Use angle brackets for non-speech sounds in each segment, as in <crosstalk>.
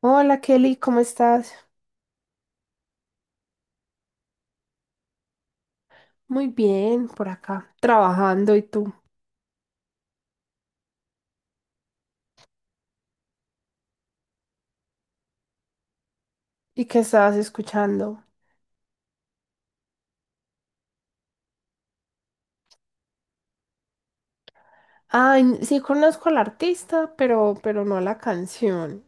Hola Kelly, ¿cómo estás? Muy bien, por acá, trabajando y tú. ¿Y qué estabas escuchando? Ay, sí conozco al artista, pero no la canción.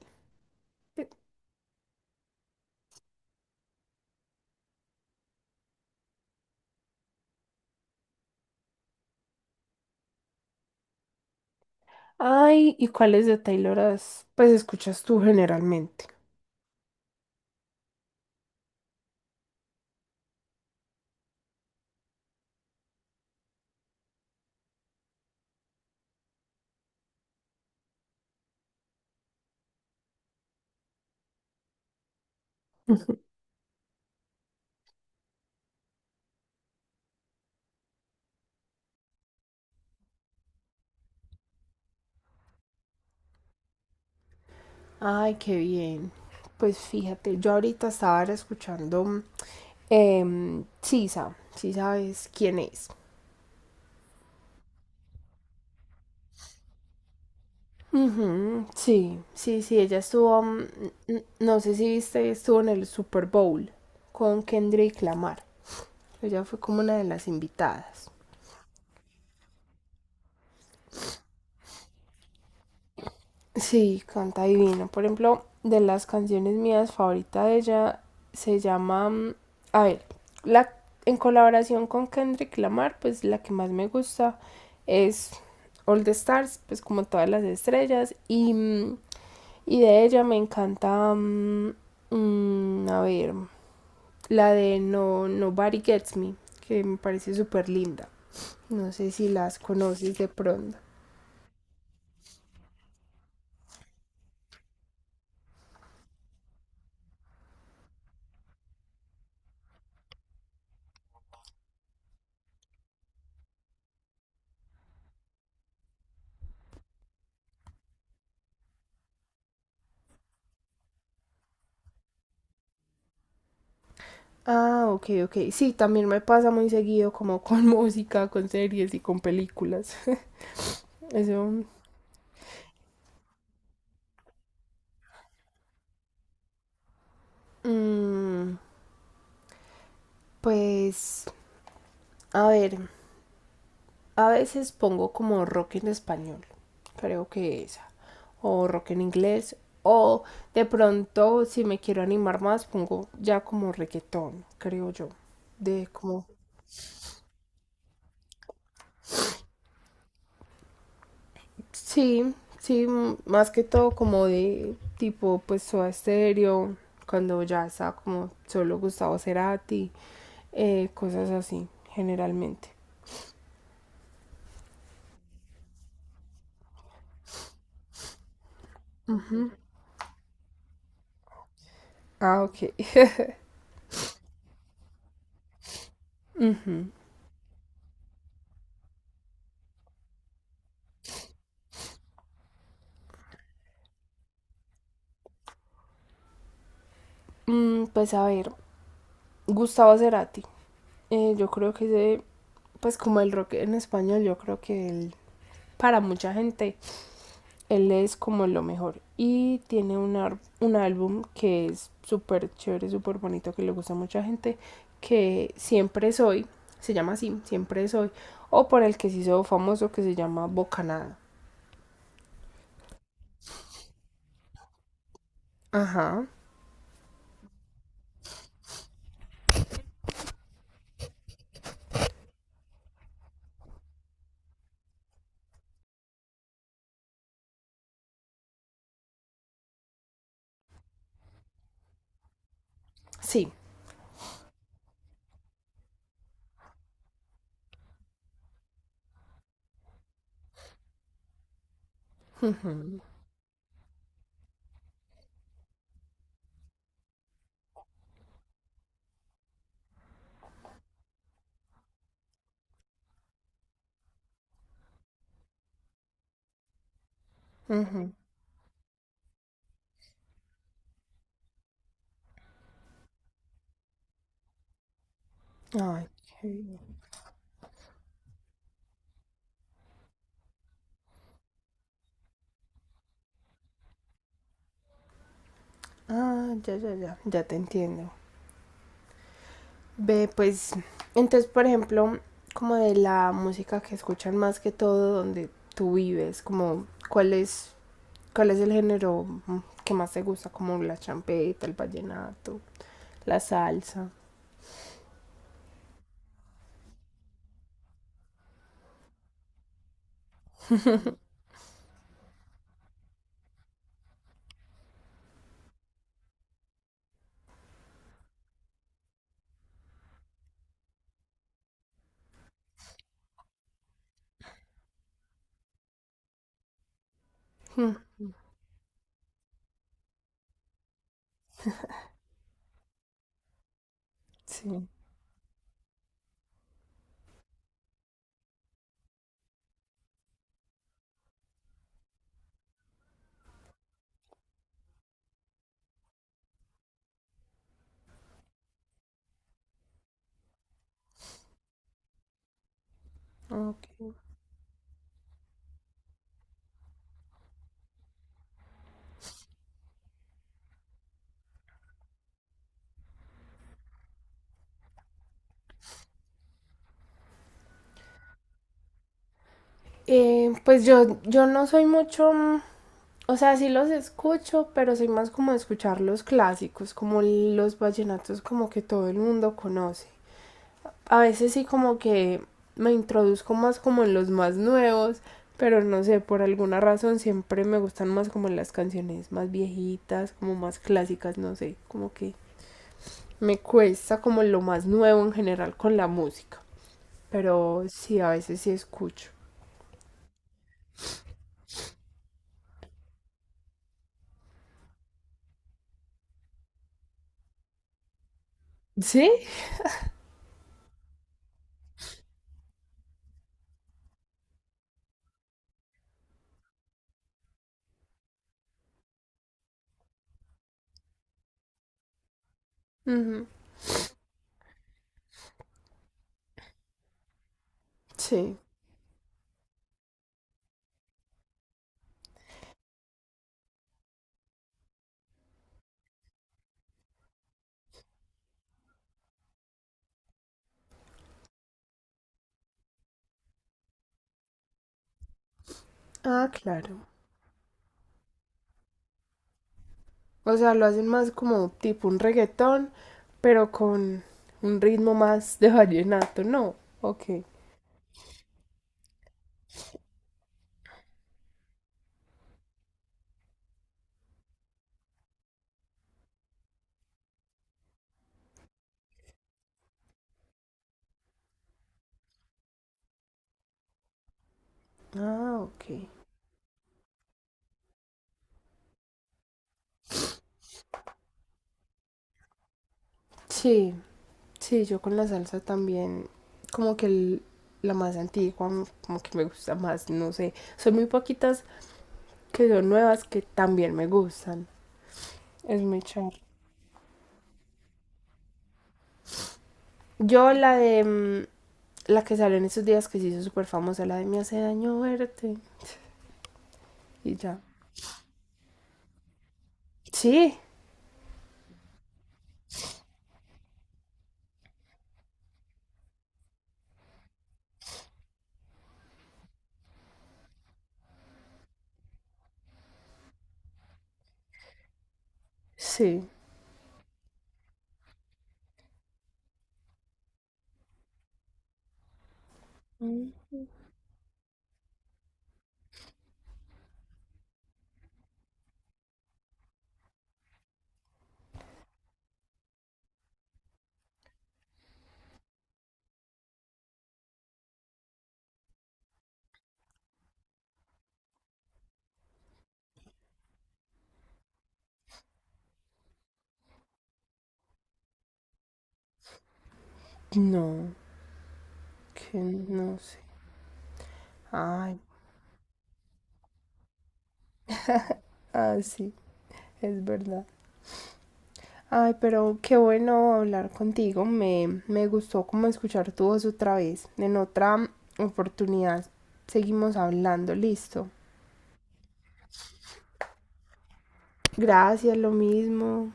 Ay, ¿y cuáles de Taylor pues escuchas tú generalmente? Ay, qué bien. Pues fíjate, yo ahorita estaba escuchando Sisa, si sabes quién es. Ujú, sí, sí, sí, ella estuvo, no sé si viste, estuvo en el Super Bowl con Kendrick Lamar. Ella fue como una de las invitadas. Sí, canta divino. Por ejemplo, de las canciones mías favorita de ella se llama, a ver, la en colaboración con Kendrick Lamar, pues la que más me gusta es All the Stars, pues como todas las estrellas. Y y de ella me encanta a ver, la de No Nobody Gets Me, que me parece súper linda. No sé si las conoces de pronto. Ah, ok, ok. Sí, también me pasa muy seguido como con <laughs> música, con series y con películas. <laughs> Eso. mm, pues, a ver, a veces pongo como rock en español. Creo que esa. O rock en inglés. O de pronto, si me quiero animar más, pongo ya como reggaetón, creo yo. De como sí, sí, más que todo como de tipo pues Soda Stereo, cuando ya estaba como solo Gustavo Cerati, cosas así, generalmente. Ujú. Ah, ok. <laughs> Ujú. Mm, pues a ver, Gustavo Cerati. Yo creo que ese, pues como el rock en español, yo creo que él, para mucha gente él es como lo mejor. Y tiene un, un álbum que es súper chévere, súper bonito, que le gusta a mucha gente, que Siempre Soy, se llama así, Siempre Soy, o por el que se hizo famoso que se llama Bocanada. Ajá, sí. Ujú. Ay, qué bien. Ah, ya, ya, ya, ya te entiendo. Ve, pues, entonces, por ejemplo, como de la música que escuchan más que todo donde tú vives, como cuál es. ¿Cuál es el género que más te gusta? Como la champeta, el vallenato, la salsa. Sí. Ok. Pues yo, yo no soy mucho, o sea, sí los escucho, pero soy más como de escuchar los clásicos, como los vallenatos como que todo el mundo conoce. A veces sí como que me introduzco más como en los más nuevos, pero no sé, por alguna razón siempre me gustan más como las canciones más viejitas, como más clásicas, no sé, como que me cuesta como lo más nuevo en general con la música, pero sí, a veces sí escucho. ¿Sí? Ujú, sí, ah, claro. O sea, lo hacen más como tipo un reggaetón, pero con un ritmo más de vallenato, ¿no? Ok. Ah, ok. Sí, sí, yo con la salsa también, como que la más antigua, como que me gusta más, no sé. Son muy poquitas que son nuevas que también me gustan. Es muy chévere. Yo la de la que salió en estos días que se hizo súper famosa, la de me hace daño verte. Y ya. Sí, sí. Mm. No, que no sé. Ay, ah, sí, es verdad. Ay, pero qué bueno hablar contigo. Me gustó como escuchar tu voz otra vez. En otra oportunidad seguimos hablando, listo. Gracias, lo mismo.